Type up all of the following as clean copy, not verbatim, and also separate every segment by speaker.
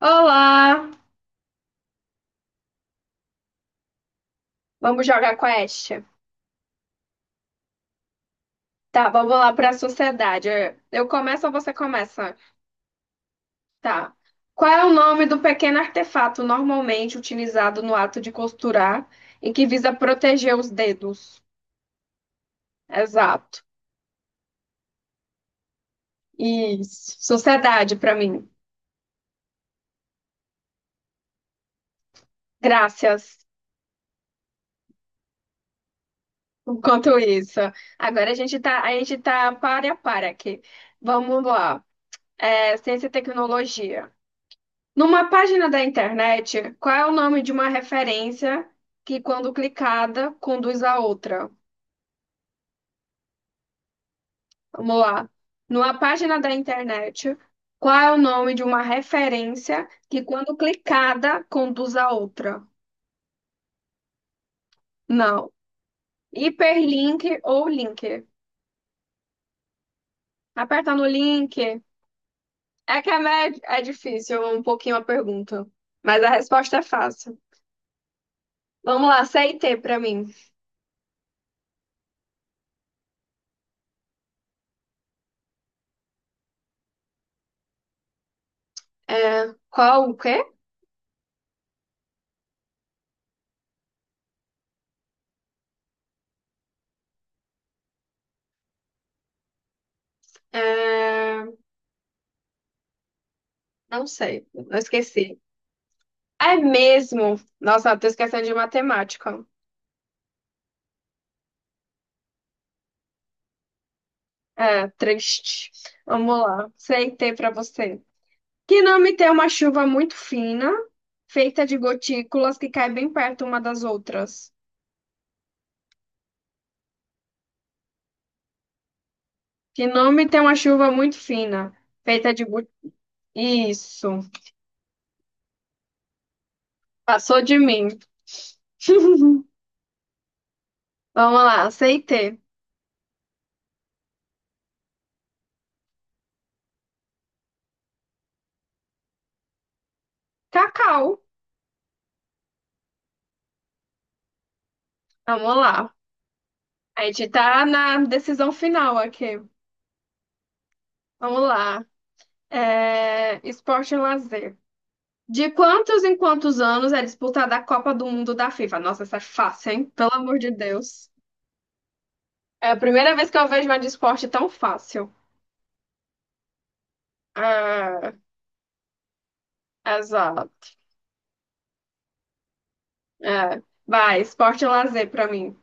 Speaker 1: Olá! Vamos jogar quest? Tá, vamos lá para a sociedade. Eu começo ou você começa? Tá. Qual é o nome do pequeno artefato normalmente utilizado no ato de costurar e que visa proteger os dedos? Exato. Isso. Sociedade para mim. Graças. Enquanto isso, agora a gente tá pare a par aqui. Vamos lá. É, ciência e tecnologia. Numa página da internet, qual é o nome de uma referência que, quando clicada, conduz a outra? Vamos lá. Numa página da internet, qual é o nome de uma referência que, quando clicada, conduz a outra? Não. Hiperlink ou link? Aperta no link. É difícil um pouquinho a pergunta, mas a resposta é fácil. Vamos lá, C e T pra mim. É, qual o quê? É, não sei, eu esqueci. É mesmo. Nossa, tô esquecendo de matemática. É, triste. Vamos lá. Aceitei pra você. Que nome tem uma chuva muito fina, feita de gotículas que caem bem perto uma das outras? Que nome tem uma chuva muito fina, feita de... Isso. Passou de mim. Vamos lá, aceitei. Cacau. Vamos lá. A gente tá na decisão final aqui. Vamos lá. É, esporte e lazer. De quantos em quantos anos é disputada a Copa do Mundo da FIFA? Nossa, essa é fácil, hein? Pelo amor de Deus. É a primeira vez que eu vejo uma de esporte tão fácil. Ah, exato. É. Vai, esporte e lazer pra mim.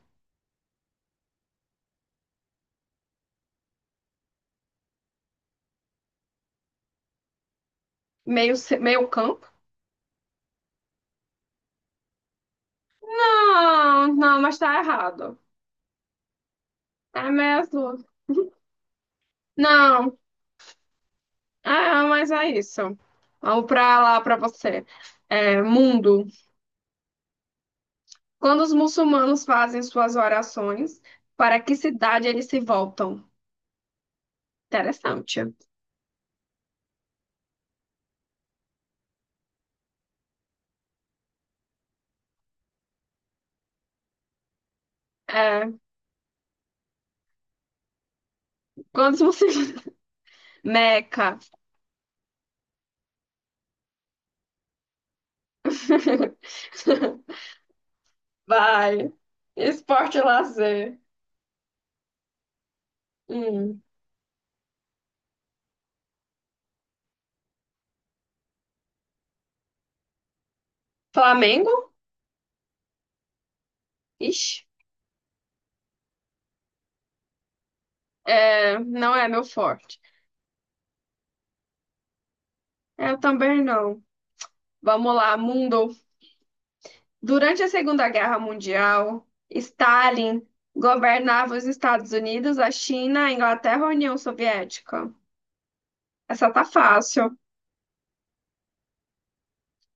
Speaker 1: Meio campo? Não, mas tá errado. É mesmo? Não. Ah, mas é isso. Vamos pra lá, pra você. É, mundo. Quando os muçulmanos fazem suas orações, para que cidade eles se voltam? Interessante. É, quantos você. Meca. Vai. Esporte e lazer. Hum. Flamengo? Ixi. É, não é meu forte. Eu também não. Vamos lá, mundo. Durante a Segunda Guerra Mundial, Stalin governava os Estados Unidos, a China, a Inglaterra ou a União Soviética? Essa tá fácil.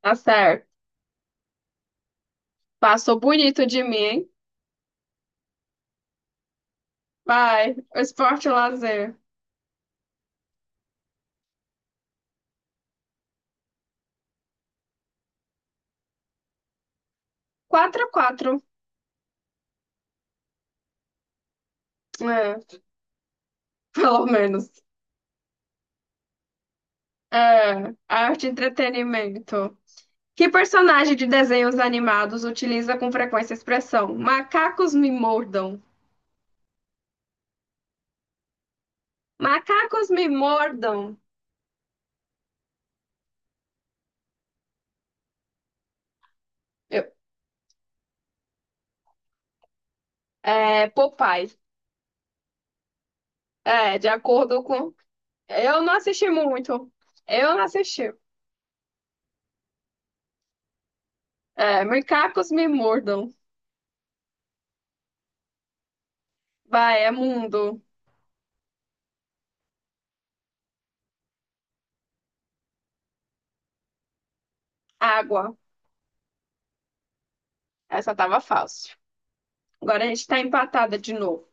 Speaker 1: Tá certo. Passou bonito de mim, hein? Vai. Esporte e lazer. Quatro, x 4. Pelo menos. É, arte e entretenimento. Que personagem de desenhos animados utiliza com frequência a expressão macacos me mordam? Macacos me mordam. Eu- é, Popeye. É, de acordo com. Eu não assisti muito. Eu não assisti. É, macacos me mordam. Vai, é mundo. Água. Essa tava fácil. Agora a gente tá empatada de novo.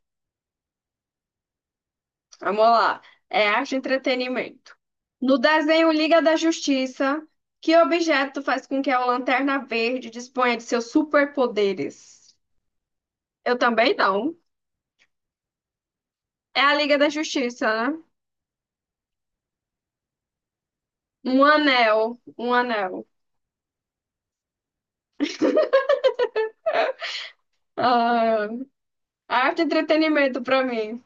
Speaker 1: Vamos lá. É arte e entretenimento. No desenho Liga da Justiça, que objeto faz com que a Lanterna Verde disponha de seus superpoderes? Eu também não. É a Liga da Justiça, né? Um anel. Um anel. Ah, arte e entretenimento pra mim.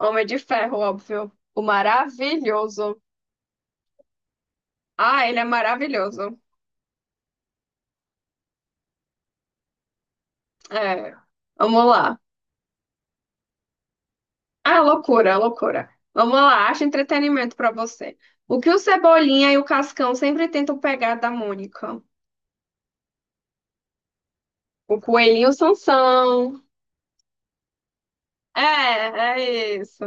Speaker 1: Homem de Ferro, óbvio. O maravilhoso. Ah, ele é maravilhoso. É. Vamos lá. Ah, loucura, loucura. Vamos lá, acha entretenimento pra você. O que o Cebolinha e o Cascão sempre tentam pegar da Mônica? O coelhinho e o Sansão. É, é isso.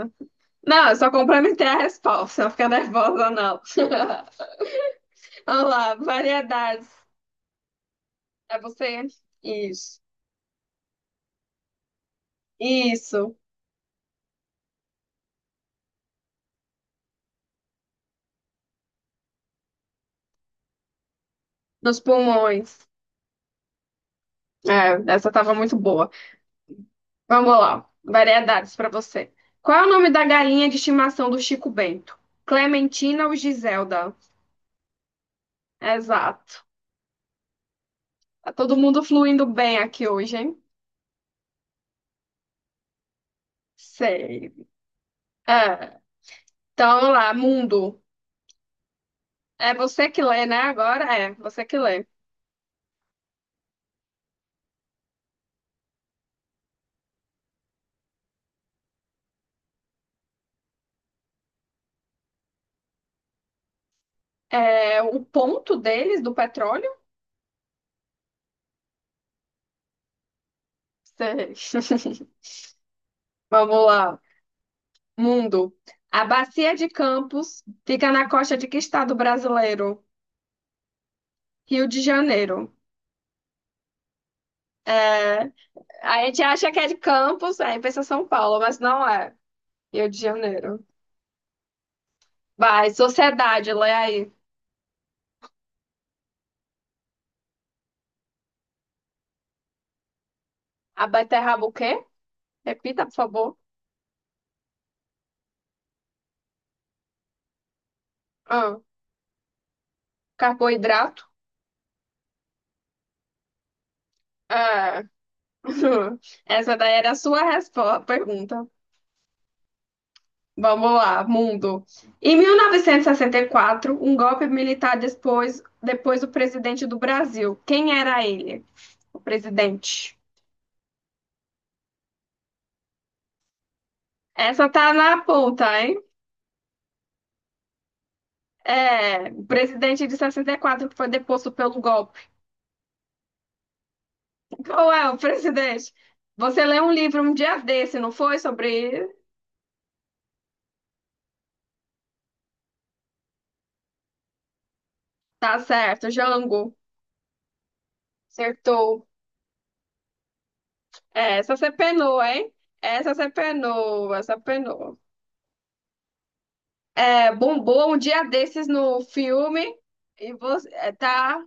Speaker 1: Não, eu só complementei a resposta, não fica nervosa, não. Vamos lá, variedades. É você? Isso. Isso. Nos pulmões. É, essa tava muito boa. Vamos lá, variedades pra você. Qual é o nome da galinha de estimação do Chico Bento? Clementina ou Giselda? Exato. Tá todo mundo fluindo bem aqui hoje, hein? Sei. É, então, vamos lá, mundo. É você que lê, né? Agora é, você que lê. É o ponto deles do petróleo? Sei. Vamos lá. Mundo. A bacia de Campos fica na costa de que estado brasileiro? Rio de Janeiro. A gente acha que é de Campos, aí pensa São Paulo, mas não é. Rio de Janeiro. Vai, sociedade, lê aí. A beterraba o quê? Repita, por favor. Ah. Carboidrato? Ah, essa daí era a sua resposta, pergunta. Vamos lá, mundo. Em 1964, um golpe militar depois o presidente do Brasil. Quem era ele? O presidente. Essa tá na ponta, hein? É, o presidente de 64 que foi deposto pelo golpe. Qual é o presidente? Você leu um livro um dia desse, não foi? Sobre. Tá certo, Jango. Acertou. Essa você penou, hein? Essa você penou, essa penou. É, bombou um dia desses no filme e você é, tá